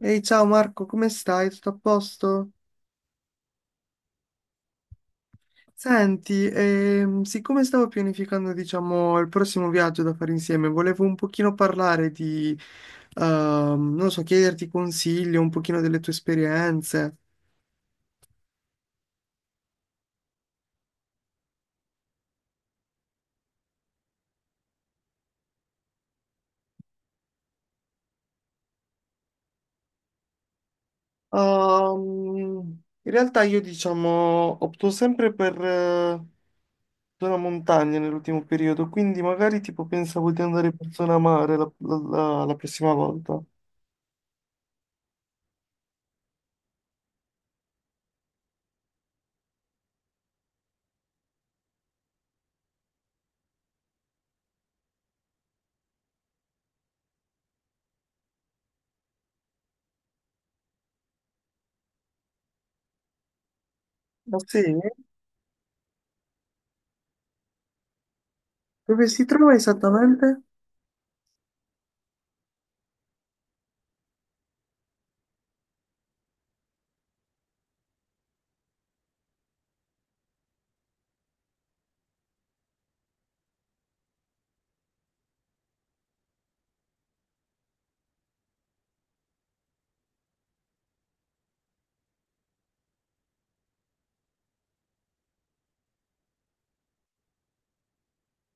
Ehi, ciao Marco, come stai? Tutto a posto? Senti, siccome stavo pianificando, diciamo, il prossimo viaggio da fare insieme, volevo un pochino parlare di, non so, chiederti consigli, un pochino delle tue esperienze. In realtà io, diciamo, opto sempre per zona montagna nell'ultimo periodo, quindi magari tipo pensavo di andare per zona mare la prossima volta. Ma sì? Dove si trova esattamente?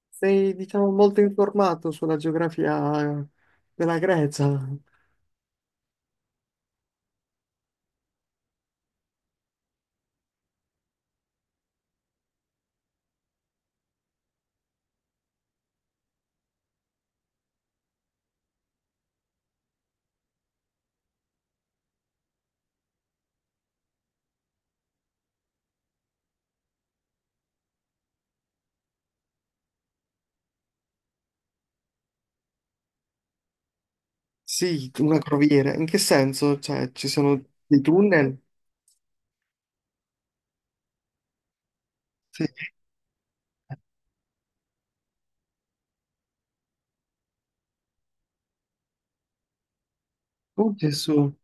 Sei, diciamo, molto informato sulla geografia della Grecia. Sì, una croviera. In che senso? Cioè, ci sono dei tunnel? Sì. Oh, Gesù.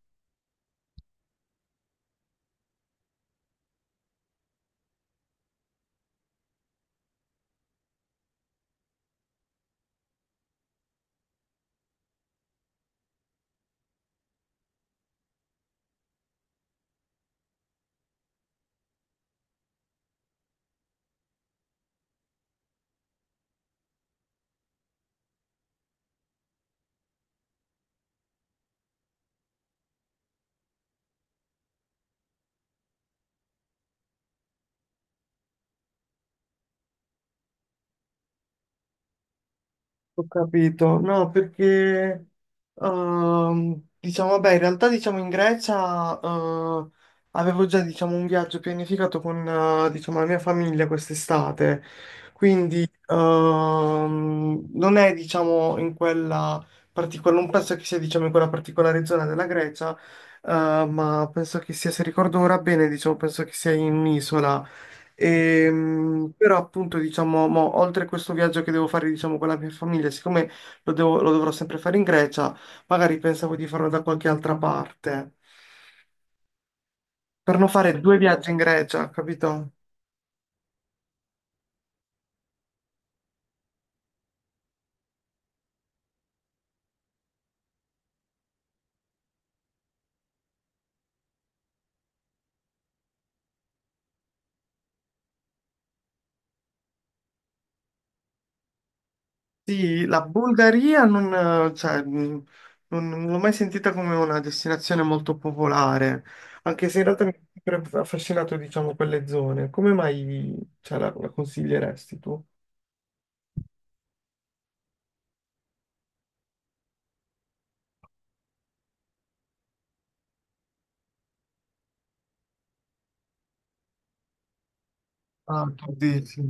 Ho capito, no, perché diciamo, vabbè, in realtà diciamo in Grecia avevo già diciamo un viaggio pianificato con diciamo la mia famiglia quest'estate, quindi non è diciamo in quella particolare, non penso che sia diciamo in quella particolare zona della Grecia, ma penso che sia, se ricordo ora bene, diciamo, penso che sia in un'isola. Però appunto diciamo, mo, oltre a questo viaggio che devo fare diciamo, con la mia famiglia, siccome lo, lo dovrò sempre fare in Grecia, magari pensavo di farlo da qualche altra parte, per non fare due viaggi in Grecia, capito? Sì, la Bulgaria non, cioè, non l'ho mai sentita come una destinazione molto popolare, anche se in realtà mi ha sempre affascinato diciamo, quelle zone. Come mai cioè, la consiglieresti tu? Ah, tu dici.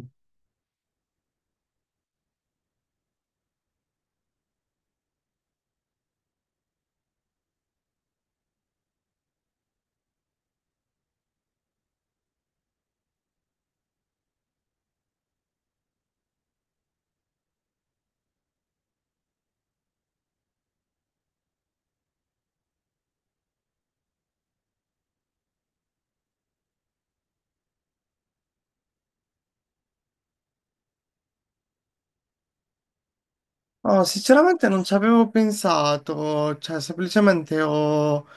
Oh, sinceramente non ci avevo pensato, cioè semplicemente ho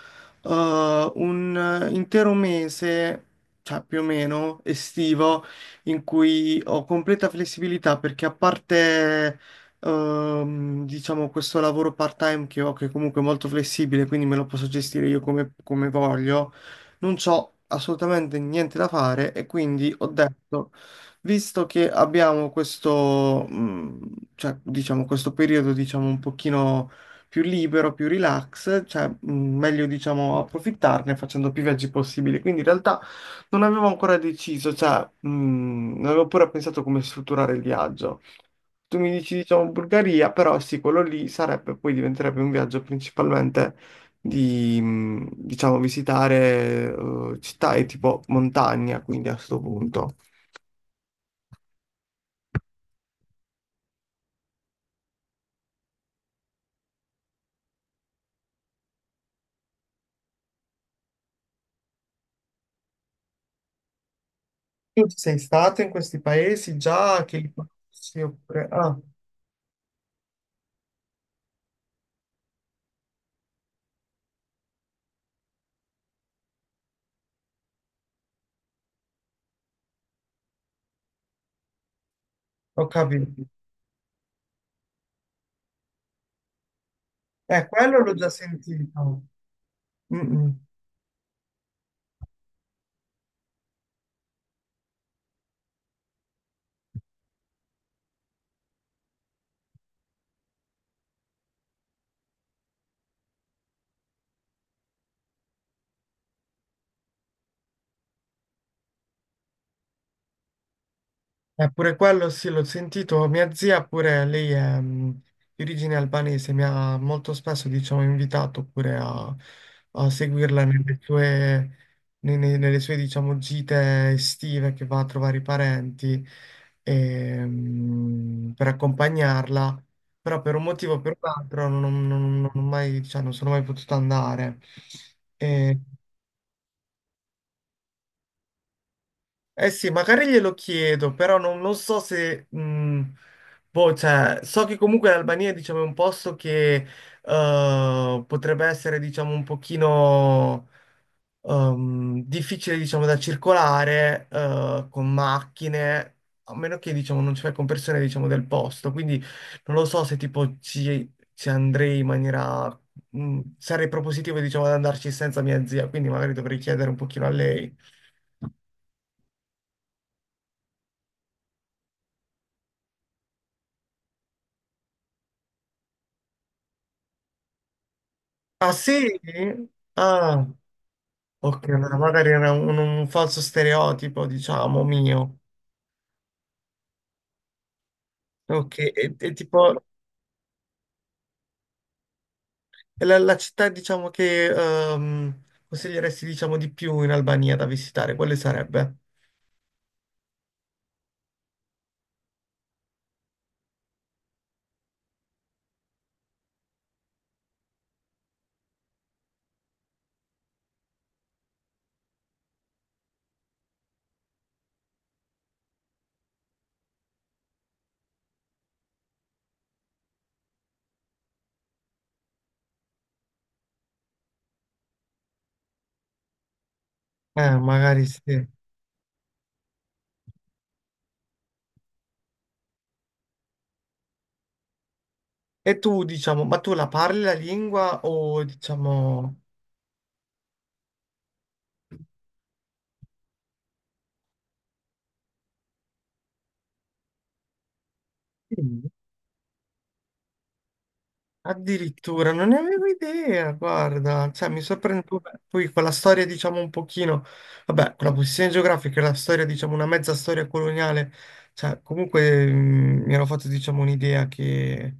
un intero mese, cioè più o meno estivo, in cui ho completa flessibilità perché a parte diciamo questo lavoro part-time che ho, che comunque è molto flessibile, quindi me lo posso gestire io come, come voglio, non c'ho assolutamente niente da fare e quindi ho detto visto che abbiamo questo, cioè, diciamo, questo periodo, diciamo, un pochino più libero, più relax, cioè, meglio, diciamo, approfittarne facendo più viaggi possibili. Quindi in realtà non avevo ancora deciso, cioè, non avevo pure pensato come strutturare il viaggio. Tu mi dici, diciamo, Bulgaria, però sì, quello lì sarebbe, poi diventerebbe un viaggio principalmente di, diciamo, visitare città e tipo montagna, quindi a questo punto. Tu sei stato in questi paesi già che li conosci oppure... Ah, ho capito. Quello l'ho già sentito. Mm, mm. Eppure quello sì, l'ho sentito. Mia zia pure, lei è mm, di origine albanese, mi ha molto spesso, diciamo, invitato pure a, a seguirla nelle sue, nelle sue, diciamo, gite estive che va a trovare i parenti e, mm, per accompagnarla, però per un motivo o per un altro non, non ho mai, cioè, non sono mai potuto andare. E eh sì, magari glielo chiedo, però non, non so se... boh, cioè, so che comunque l'Albania, diciamo, è un posto che potrebbe essere, diciamo, un pochino difficile, diciamo, da circolare con macchine, a meno che, diciamo, non ci fai con persone, diciamo, del posto. Quindi non lo so se, tipo, ci andrei in maniera... sarei propositivo, diciamo, ad andarci senza mia zia, quindi magari dovrei chiedere un pochino a lei. Ah sì? Ah, ok, allora magari era un falso stereotipo, diciamo, mio. Ok, e tipo, la città, diciamo, che consiglieresti, diciamo, di più in Albania da visitare, quale sarebbe? Magari sì. E tu, diciamo, ma tu la parli la lingua o, diciamo... Sì. Addirittura, non ne avevo idea, guarda, cioè mi sorprende vabbè, poi quella storia diciamo un pochino, vabbè, con la posizione geografica e la storia diciamo una mezza storia coloniale, cioè comunque mm, mi ero fatto diciamo un'idea che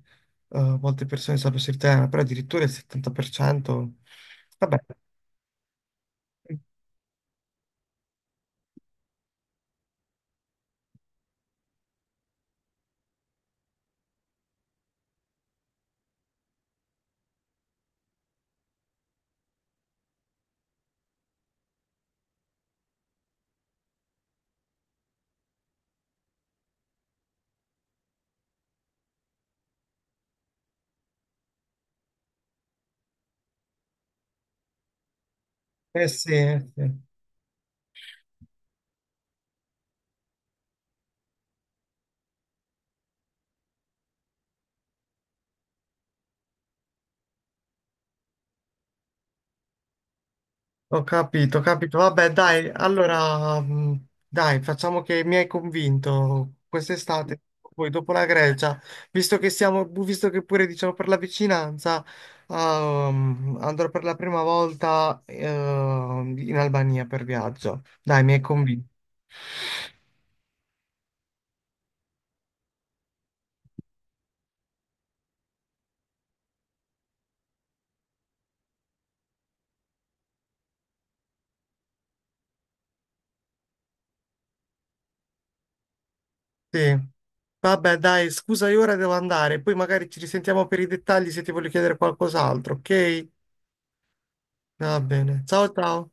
molte persone sapessero il tema, però addirittura il 70%, vabbè, eh sì, eh sì. Ho capito, ho capito. Vabbè, dai, allora, dai, facciamo che mi hai convinto quest'estate, poi dopo la Grecia, visto che siamo, visto che pure diciamo per la vicinanza, andrò per la prima volta, in Albania per viaggio. Dai, mi hai convinto. Sì. Vabbè, dai, scusa, io ora devo andare, poi magari ci risentiamo per i dettagli se ti voglio chiedere qualcos'altro, ok? Va bene. Ciao, ciao.